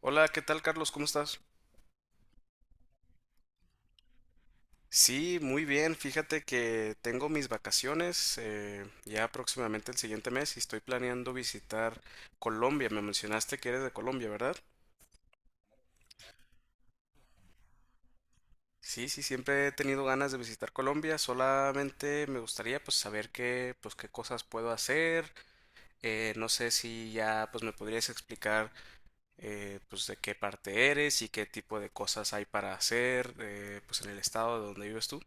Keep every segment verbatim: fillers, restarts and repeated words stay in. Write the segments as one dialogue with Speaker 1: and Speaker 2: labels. Speaker 1: Hola, ¿qué tal, Carlos? ¿Cómo estás? Sí, muy bien. Fíjate que tengo mis vacaciones eh, ya próximamente el siguiente mes y estoy planeando visitar Colombia. Me mencionaste que eres de Colombia, ¿verdad? Sí, sí, siempre he tenido ganas de visitar Colombia. Solamente me gustaría pues saber qué, pues qué cosas puedo hacer. Eh, no sé si ya pues me podrías explicar eh, pues de qué parte eres y qué tipo de cosas hay para hacer eh, pues en el estado de donde vives tú.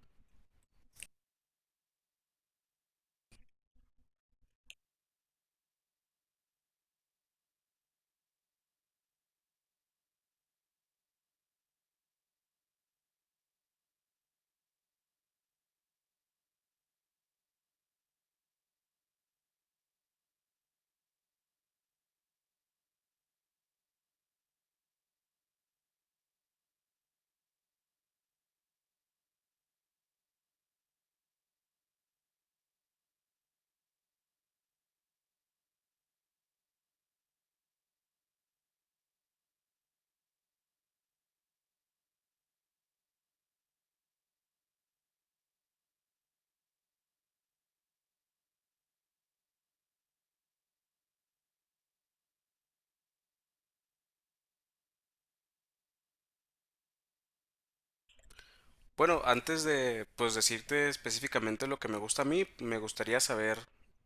Speaker 1: Bueno, antes de pues decirte específicamente lo que me gusta a mí, me gustaría saber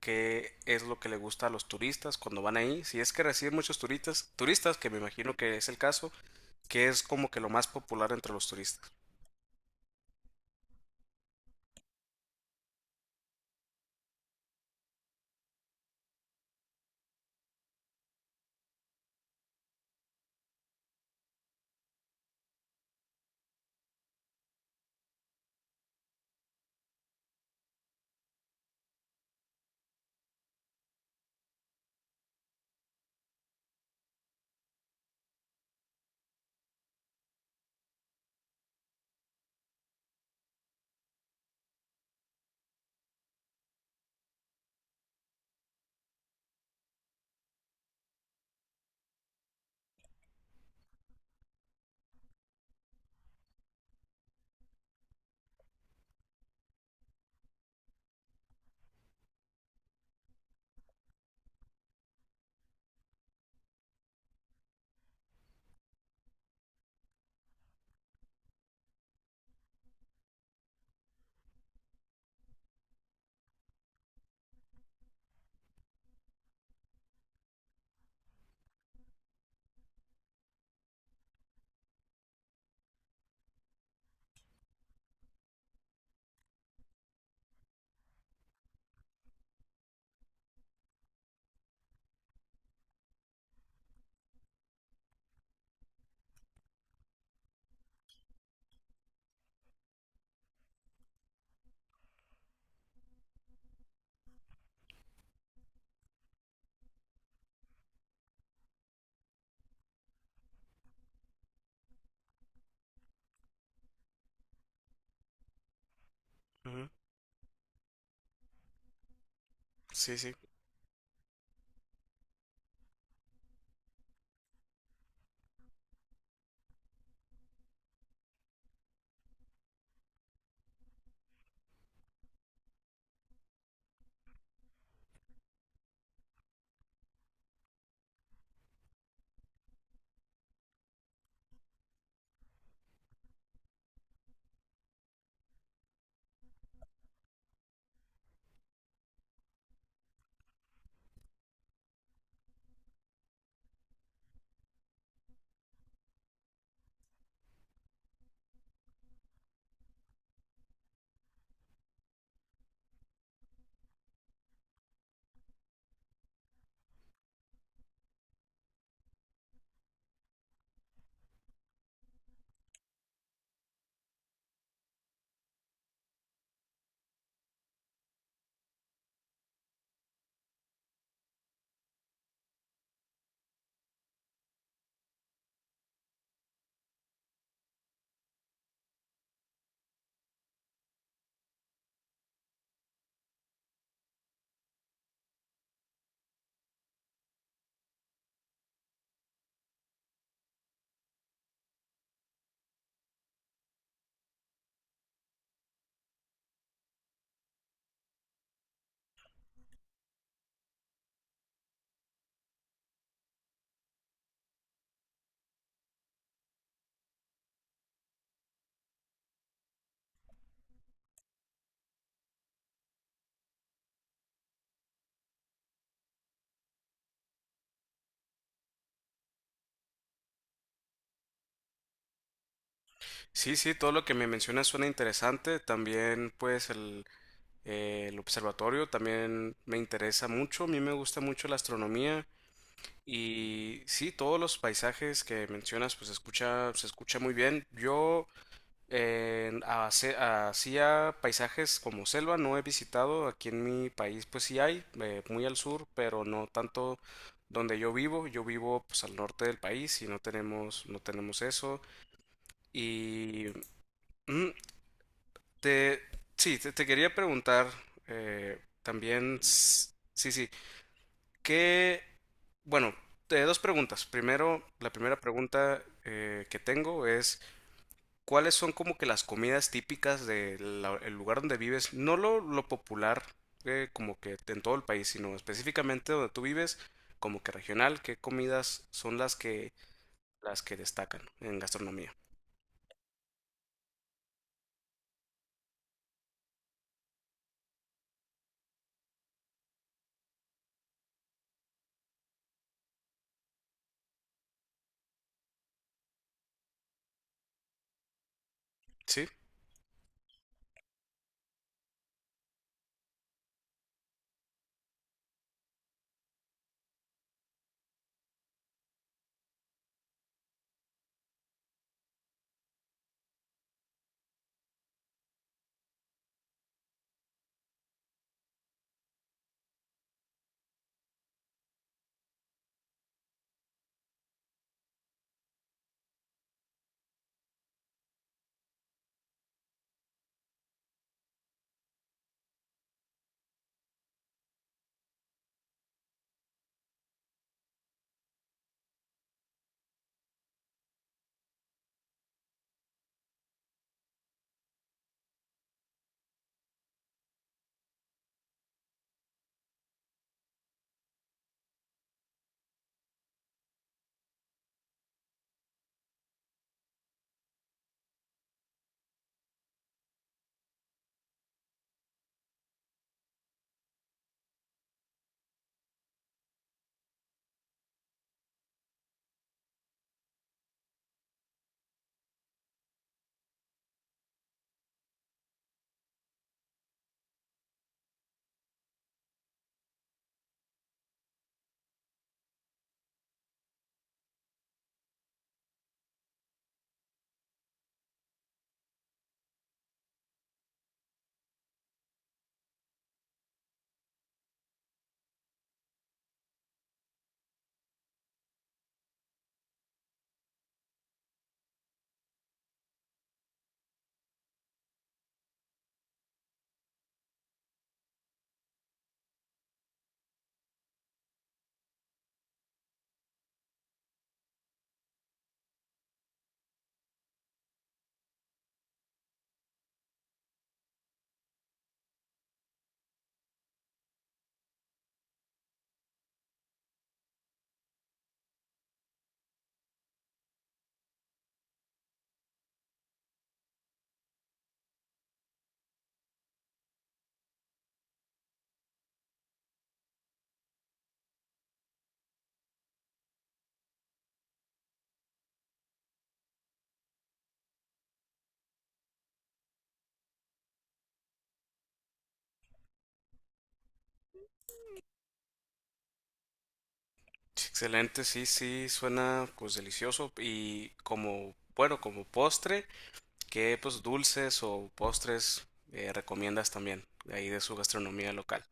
Speaker 1: qué es lo que le gusta a los turistas cuando van ahí. Si es que reciben muchos turistas, turistas, que me imagino que es el caso, que es como que lo más popular entre los turistas. Ujú. Sí, sí. Sí, sí, todo lo que me mencionas suena interesante. También, pues, el, eh, el observatorio también me interesa mucho. A mí me gusta mucho la astronomía. Y sí, todos los paisajes que mencionas, pues, escucha, se escucha muy bien. Yo Eh, hace- hacía paisajes como selva, no he visitado, aquí en mi país pues sí hay, eh, muy al sur, pero no tanto donde yo vivo, yo vivo pues al norte del país y no tenemos, no tenemos eso. Y mm, te, sí, te, te quería preguntar eh, también, s- sí, sí, que, bueno, eh, dos preguntas. Primero, la primera pregunta eh, que tengo es... ¿Cuáles son como que las comidas típicas del lugar donde vives? No lo, Lo popular, eh, como que en todo el país, sino específicamente donde tú vives, como que regional, ¿qué comidas son las que, las que destacan en gastronomía? Sí, sí, excelente, sí, sí, suena pues delicioso y como, bueno, como postre, ¿qué pues dulces o postres eh, recomiendas también de ahí de su gastronomía local?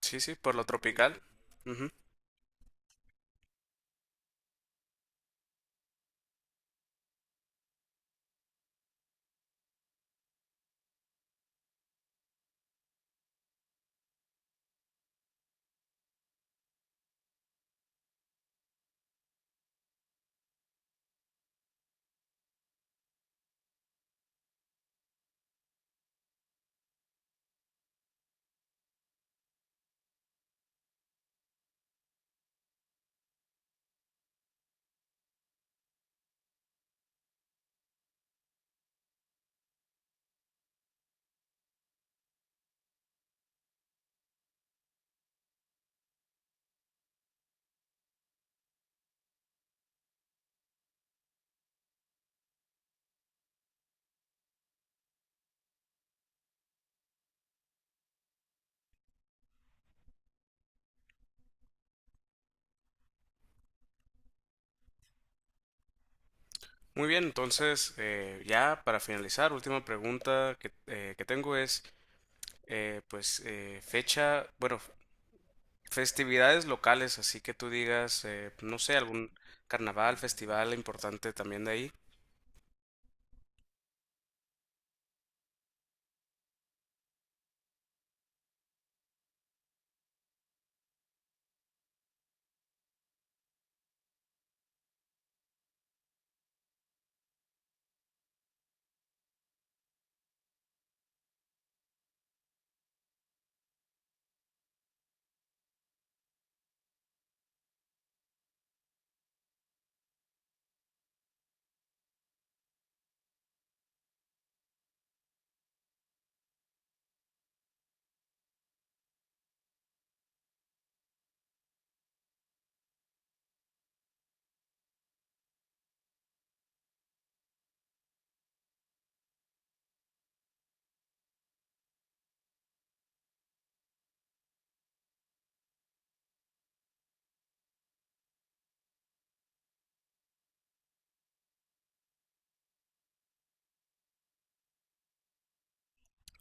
Speaker 1: Sí, sí, por lo tropical. Muy bien, entonces eh, ya para finalizar, última pregunta que, eh, que tengo es, eh, pues eh, fecha, bueno, festividades locales, así que tú digas, eh, no sé, algún carnaval, festival importante también de ahí.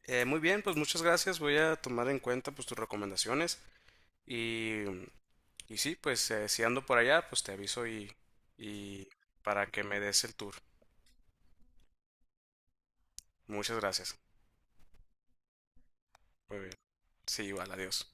Speaker 1: Eh, muy bien, pues muchas gracias, voy a tomar en cuenta pues tus recomendaciones y, y sí, pues eh, si ando por allá, pues te aviso y, y para que me des el tour. Muchas gracias. Muy bien. Sí, igual, adiós.